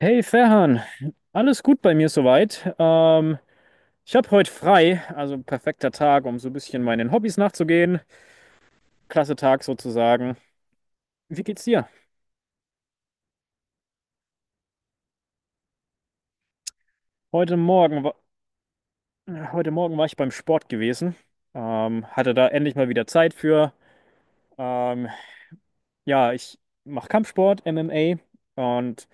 Hey Ferhan, alles gut bei mir soweit. Ich habe heute frei, also perfekter Tag, um so ein bisschen meinen Hobbys nachzugehen. Klasse Tag sozusagen. Wie geht's dir? Heute Morgen, wa- Heute Morgen war ich beim Sport gewesen. Hatte da endlich mal wieder Zeit für. Ähm, ja, ich mache Kampfsport, MMA und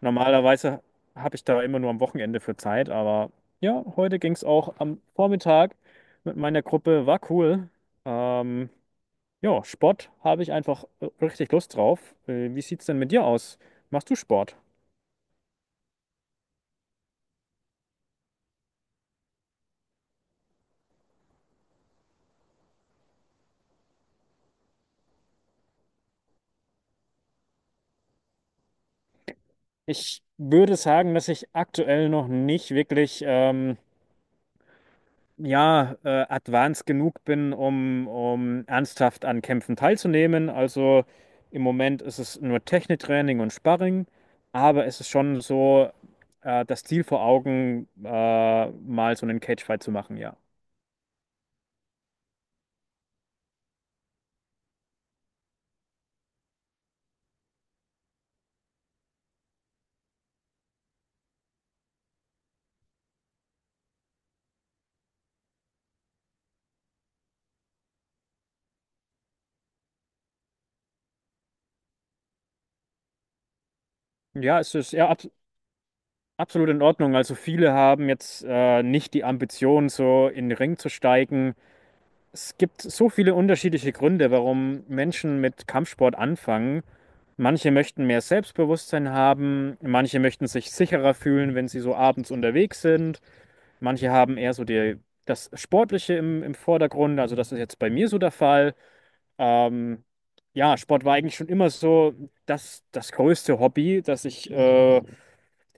normalerweise habe ich da immer nur am Wochenende für Zeit, aber ja, heute ging's auch am Vormittag mit meiner Gruppe. War cool. Ähm, Ja, Sport habe ich einfach richtig Lust drauf. Wie sieht's denn mit dir aus? Machst du Sport? Ich würde sagen, dass ich aktuell noch nicht wirklich ja, advanced genug bin, um ernsthaft an Kämpfen teilzunehmen. Also im Moment ist es nur Techniktraining und Sparring, aber es ist schon so das Ziel vor Augen, mal so einen Cagefight zu machen, ja. Ja, es ist ja, absolut in Ordnung. Also viele haben jetzt nicht die Ambition, so in den Ring zu steigen. Es gibt so viele unterschiedliche Gründe, warum Menschen mit Kampfsport anfangen. Manche möchten mehr Selbstbewusstsein haben, manche möchten sich sicherer fühlen, wenn sie so abends unterwegs sind. Manche haben eher so die, das Sportliche im Vordergrund. Also das ist jetzt bei mir so der Fall. Ähm, ja, Sport war eigentlich schon immer so das größte Hobby, das ich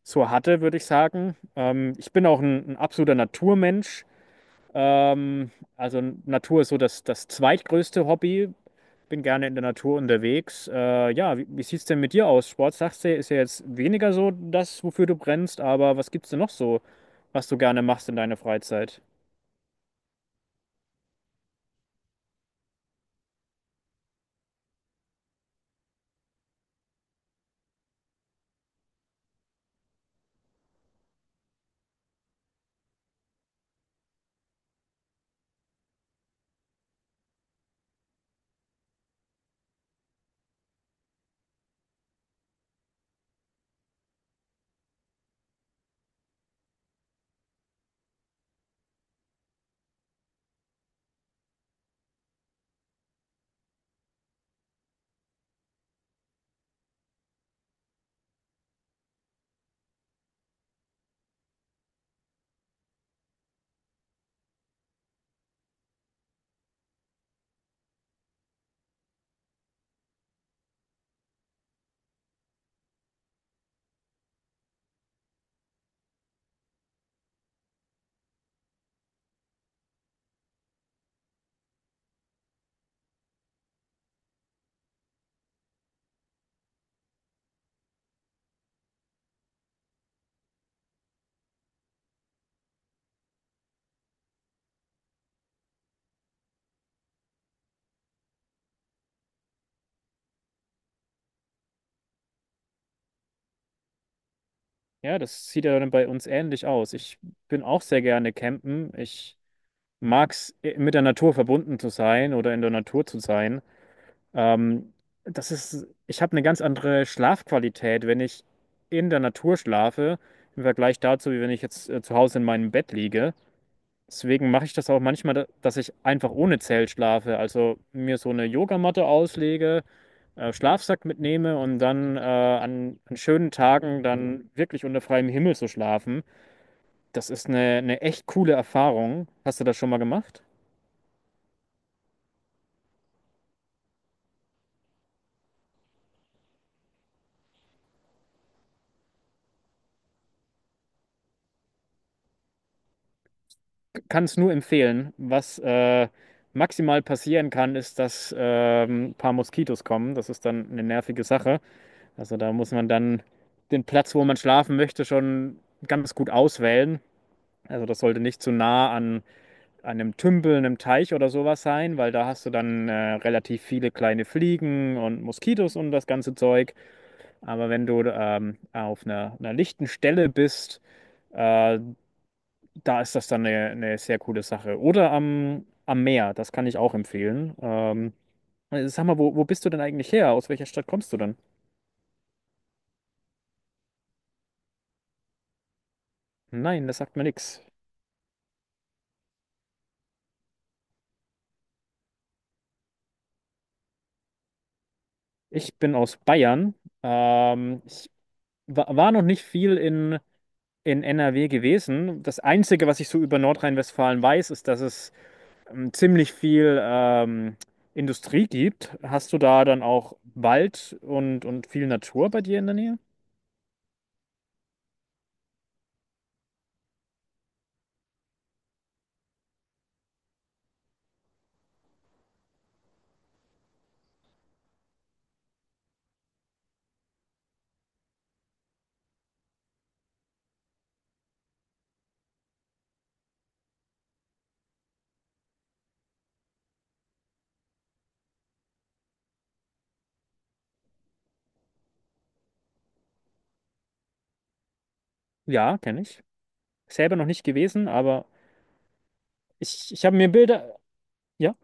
so hatte, würde ich sagen. Ich bin auch ein absoluter Naturmensch. Ähm, also Natur ist so das zweitgrößte Hobby. Bin gerne in der Natur unterwegs. Ja, wie sieht es denn mit dir aus? Sport, sagst du, ist ja jetzt weniger so das, wofür du brennst, aber was gibt's denn noch so, was du gerne machst in deiner Freizeit? Ja, das sieht ja dann bei uns ähnlich aus. Ich bin auch sehr gerne campen. Ich mag es, mit der Natur verbunden zu sein oder in der Natur zu sein. Ähm, Ich habe eine ganz andere Schlafqualität, wenn ich in der Natur schlafe, im Vergleich dazu, wie wenn ich jetzt zu Hause in meinem Bett liege. Deswegen mache ich das auch manchmal, dass ich einfach ohne Zelt schlafe. Also mir so eine Yogamatte auslege, Schlafsack mitnehme und dann an schönen Tagen dann wirklich unter freiem Himmel zu schlafen. Das ist eine echt coole Erfahrung. Hast du das schon mal gemacht? Kann es nur empfehlen. Was maximal passieren kann, ist, dass ein paar Moskitos kommen. Das ist dann eine nervige Sache. Also da muss man dann den Platz, wo man schlafen möchte, schon ganz gut auswählen. Also das sollte nicht zu nah an einem Tümpel, einem Teich oder sowas sein, weil da hast du dann relativ viele kleine Fliegen und Moskitos und das ganze Zeug. Aber wenn du auf einer lichten Stelle bist, äh, da ist das dann eine sehr coole Sache. Oder am Meer, das kann ich auch empfehlen. Sag mal, wo bist du denn eigentlich her? Aus welcher Stadt kommst du denn? Nein, das sagt mir nichts. Ich bin aus Bayern. Ich war noch nicht viel in NRW gewesen. Das Einzige, was ich so über Nordrhein-Westfalen weiß, ist, dass es ziemlich viel Industrie gibt. Hast du da dann auch Wald und viel Natur bei dir in der Nähe? Ja, kenne ich. Selber noch nicht gewesen, aber Ich habe mir Bilder, ja,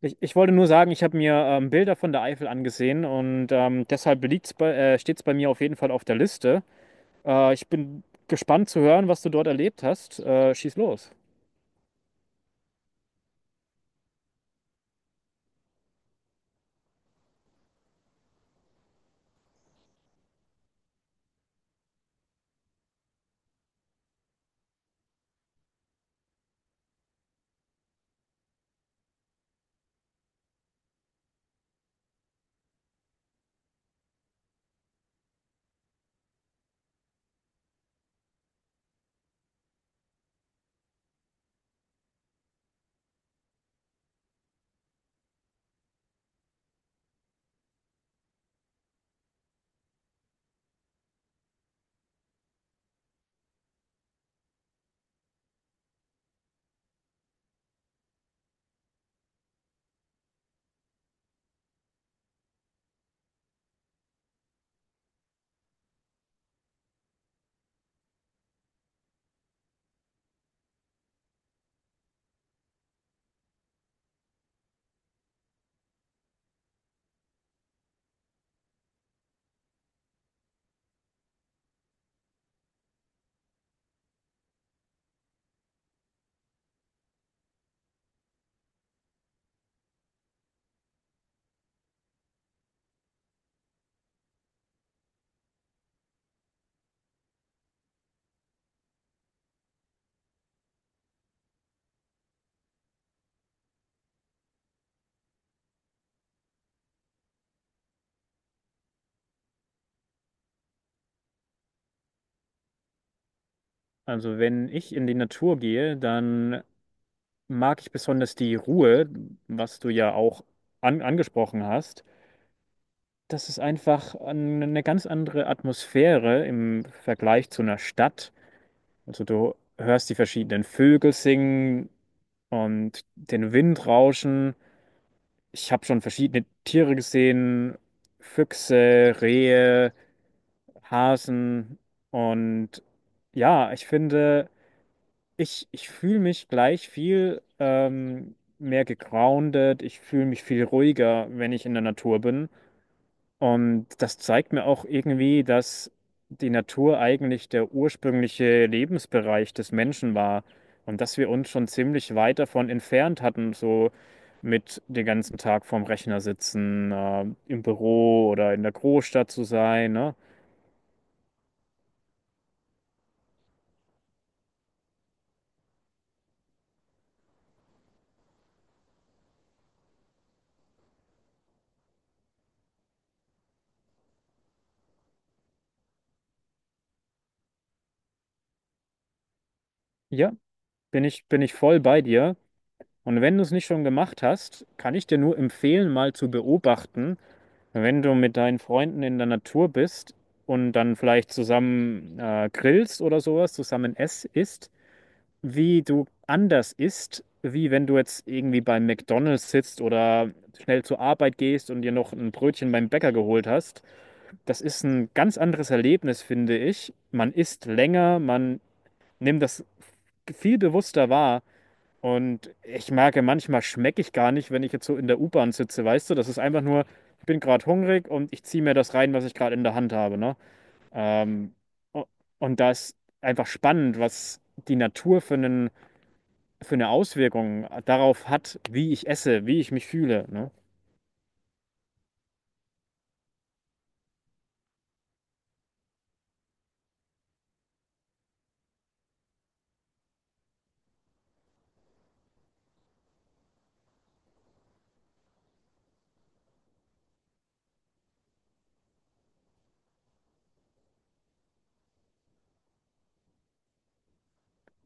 ich wollte nur sagen, ich habe mir Bilder von der Eifel angesehen und steht es bei mir auf jeden Fall auf der Liste. Ich bin gespannt zu hören, was du dort erlebt hast. Schieß los. Also wenn ich in die Natur gehe, dann mag ich besonders die Ruhe, was du ja auch angesprochen hast. Das ist einfach eine ganz andere Atmosphäre im Vergleich zu einer Stadt. Also du hörst die verschiedenen Vögel singen und den Wind rauschen. Ich habe schon verschiedene Tiere gesehen, Füchse, Rehe, Hasen und ja, ich finde, ich fühle mich gleich viel mehr gegroundet, ich fühle mich viel ruhiger, wenn ich in der Natur bin. Und das zeigt mir auch irgendwie, dass die Natur eigentlich der ursprüngliche Lebensbereich des Menschen war und dass wir uns schon ziemlich weit davon entfernt hatten, so mit den ganzen Tag vorm Rechner sitzen, im Büro oder in der Großstadt zu sein, ne? Ja, bin ich voll bei dir. Und wenn du es nicht schon gemacht hast, kann ich dir nur empfehlen, mal zu beobachten, wenn du mit deinen Freunden in der Natur bist und dann vielleicht zusammen grillst oder sowas, zusammen ess isst, wie du anders isst, wie wenn du jetzt irgendwie beim McDonald's sitzt oder schnell zur Arbeit gehst und dir noch ein Brötchen beim Bäcker geholt hast. Das ist ein ganz anderes Erlebnis, finde ich. Man isst länger, man nimmt das viel bewusster wahr. Und ich merke, manchmal schmecke ich gar nicht, wenn ich jetzt so in der U-Bahn sitze, weißt du? Das ist einfach nur, ich bin gerade hungrig und ich ziehe mir das rein, was ich gerade in der Hand habe, ne? Ähm, u- und da ist einfach spannend, was die Natur für für eine Auswirkung darauf hat, wie ich esse, wie ich mich fühle, ne?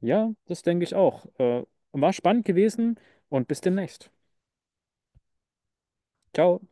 Ja, das denke ich auch. War spannend gewesen und bis demnächst. Ciao.